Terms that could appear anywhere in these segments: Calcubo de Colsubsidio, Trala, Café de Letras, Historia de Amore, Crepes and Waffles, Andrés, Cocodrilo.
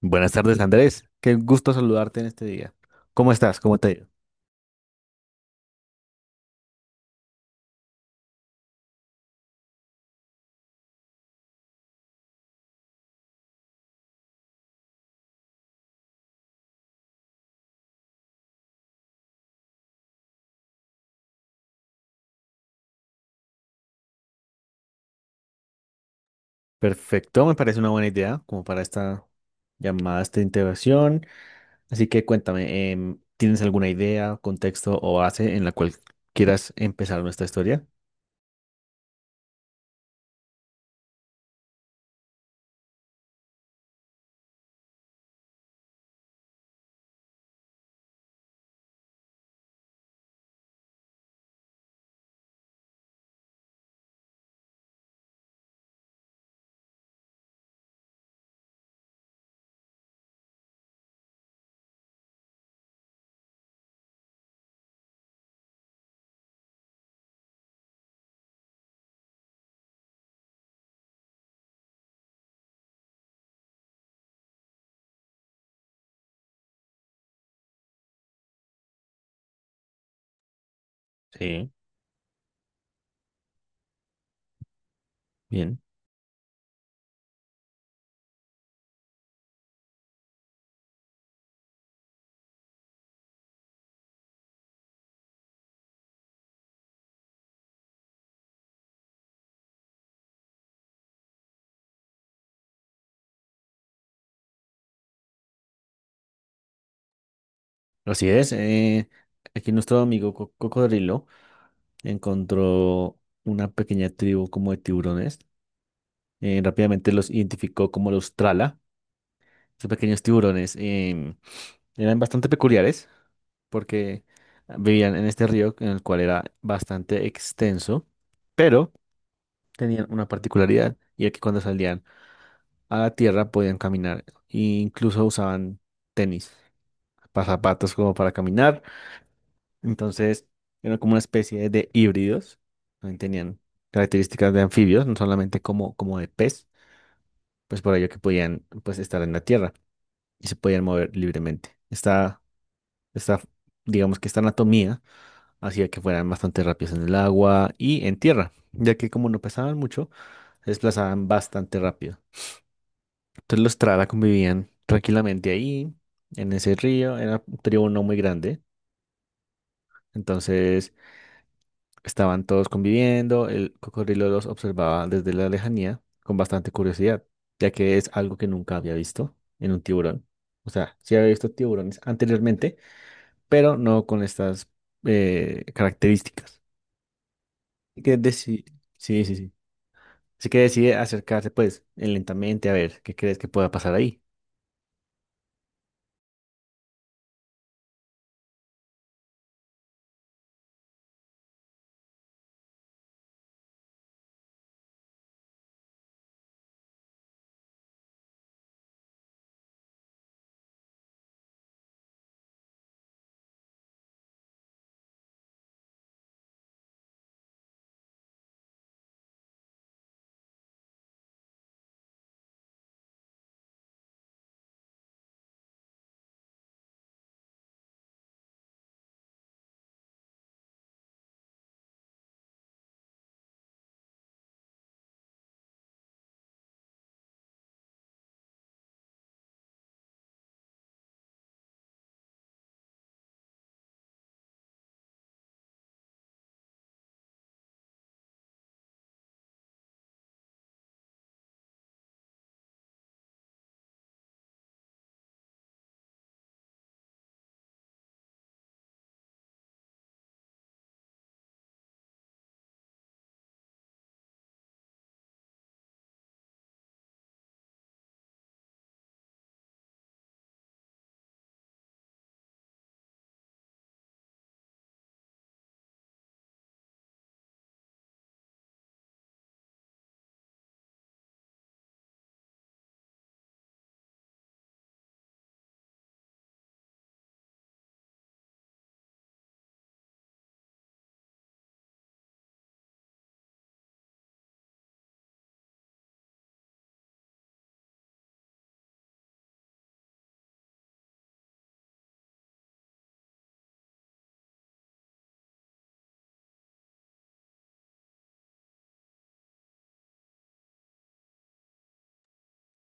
Buenas tardes, Andrés. Qué gusto saludarte en este día. ¿Cómo estás? ¿Cómo te ha ido? Perfecto, me parece una buena idea como para esta llamada, esta integración. Así que cuéntame, ¿tienes alguna idea, contexto o base en la cual quieras empezar nuestra historia? Sí, bien. Así es. Aquí nuestro amigo Cocodrilo encontró una pequeña tribu como de tiburones. Rápidamente los identificó como los Trala. Estos pequeños tiburones em, eran bastante peculiares porque vivían en este río en el cual era bastante extenso, pero tenían una particularidad y era que cuando salían a la tierra podían caminar e incluso usaban tenis, zapatos como para caminar, entonces eran como una especie de híbridos, también tenían características de anfibios, no solamente como, como de pez, pues por ello que podían pues estar en la tierra y se podían mover libremente. Está Esta, digamos que esta anatomía hacía que fueran bastante rápidos en el agua y en tierra, ya que como no pesaban mucho, se desplazaban bastante rápido. Entonces los Trara convivían tranquilamente ahí, en ese río, era un tribu no muy grande, entonces estaban todos conviviendo, el cocodrilo los observaba desde la lejanía con bastante curiosidad, ya que es algo que nunca había visto en un tiburón. O sea, sí había visto tiburones anteriormente, pero no con estas características. Así que deci- Sí, sí, sí. Así que decide acercarse, pues, lentamente a ver qué crees que pueda pasar ahí.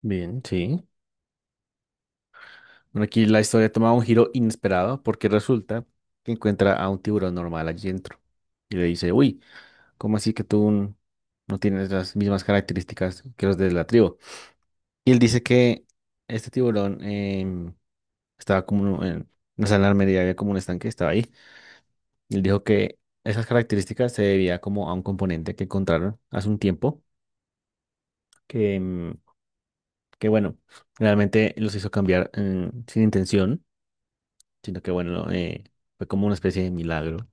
Bien, sí. Bueno, aquí la historia toma un giro inesperado porque resulta que encuentra a un tiburón normal allí dentro. Y le dice, uy, ¿cómo así que no tienes las mismas características que los de la tribu? Y él dice que este tiburón em, estaba como en, una sé, en armería había como un estanque, estaba ahí. Y él dijo que esas características se debía como a un componente que encontraron hace un tiempo que, que bueno, realmente los hizo cambiar sin intención, sino que bueno, fue como una especie de milagro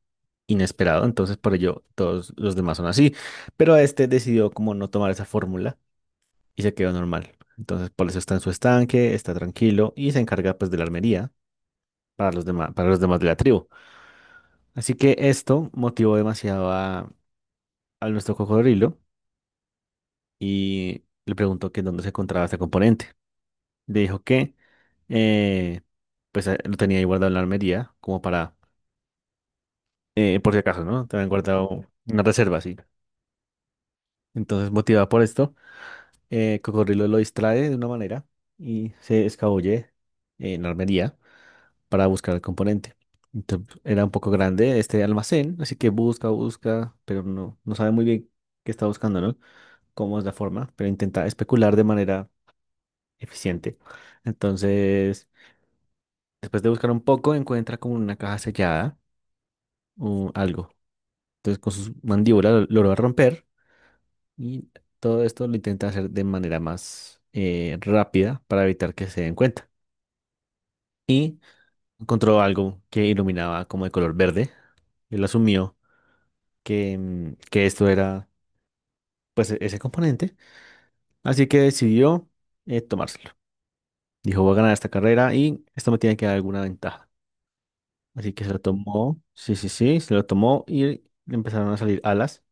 inesperado, entonces por ello todos los demás son así, pero este decidió como no tomar esa fórmula y se quedó normal, entonces por eso está en su estanque, está tranquilo y se encarga pues de la armería para los demás de la tribu. Así que esto motivó demasiado a nuestro cocodrilo y le preguntó que dónde se encontraba este componente. Le dijo que eh, pues lo tenía ahí guardado en la armería, como para, por si acaso, ¿no? También guardado una reserva, sí. Entonces, motivada por esto, Cocodrilo lo distrae de una manera y se escabulle en la armería para buscar el componente. Entonces, era un poco grande este almacén, así que busca, busca, pero no, no sabe muy bien qué está buscando, ¿no? Cómo es la forma, pero intenta especular de manera eficiente. Entonces, después de buscar un poco, encuentra como una caja sellada, o algo. Entonces con sus mandíbulas lo romper y todo esto lo intenta hacer de manera más rápida para evitar que se den cuenta. Y encontró algo que iluminaba como de color verde. Él asumió que, que esto era ese componente. Así que decidió tomárselo. Dijo, voy a ganar esta carrera y esto me tiene que dar alguna ventaja. Así que se lo tomó. Sí, sí, sí, se lo tomó y le empezaron a salir alas.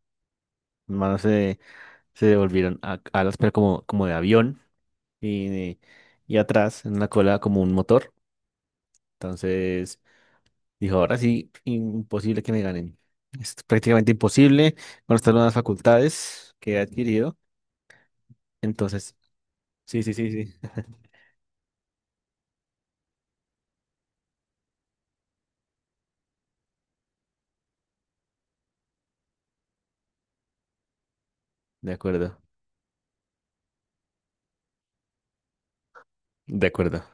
Las manos se, se devolvieron alas, pero como, como de avión. Y, y atrás en la cola como un motor. Entonces dijo, ahora sí, imposible que me ganen. Es prácticamente imposible con estas nuevas facultades que he adquirido. Entonces, sí, sí, sí, sí. De acuerdo, de acuerdo.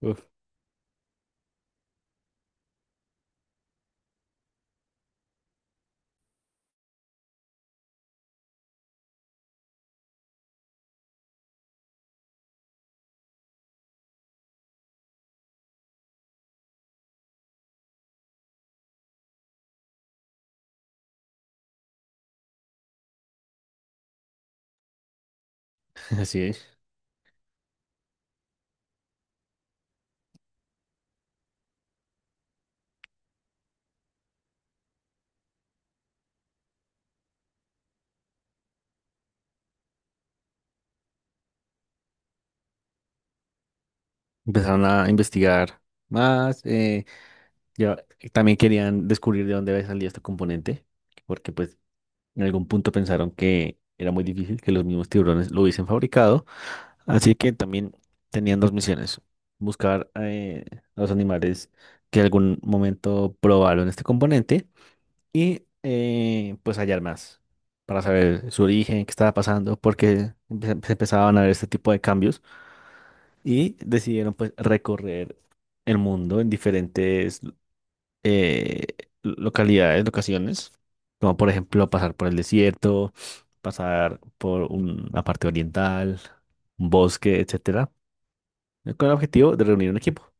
Uf, así es. Empezaron a investigar más. Ya- también querían descubrir de dónde había salido este componente, porque pues en algún punto pensaron que era muy difícil que los mismos tiburones lo hubiesen fabricado, así que también tenían dos misiones, buscar a los animales que en algún momento probaron este componente y pues hallar más para saber su origen, qué estaba pasando, porque se empezaban a ver este tipo de cambios y decidieron pues recorrer el mundo en diferentes eh, localidades, locaciones, como por ejemplo pasar por el desierto, pasar por una parte oriental, un bosque, etcétera, con el objetivo de reunir un equipo.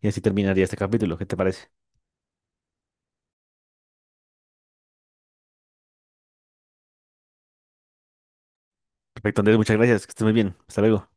Y así terminaría este capítulo. ¿Qué te parece? Perfecto, Andrés, muchas gracias, que estés muy bien. Hasta luego.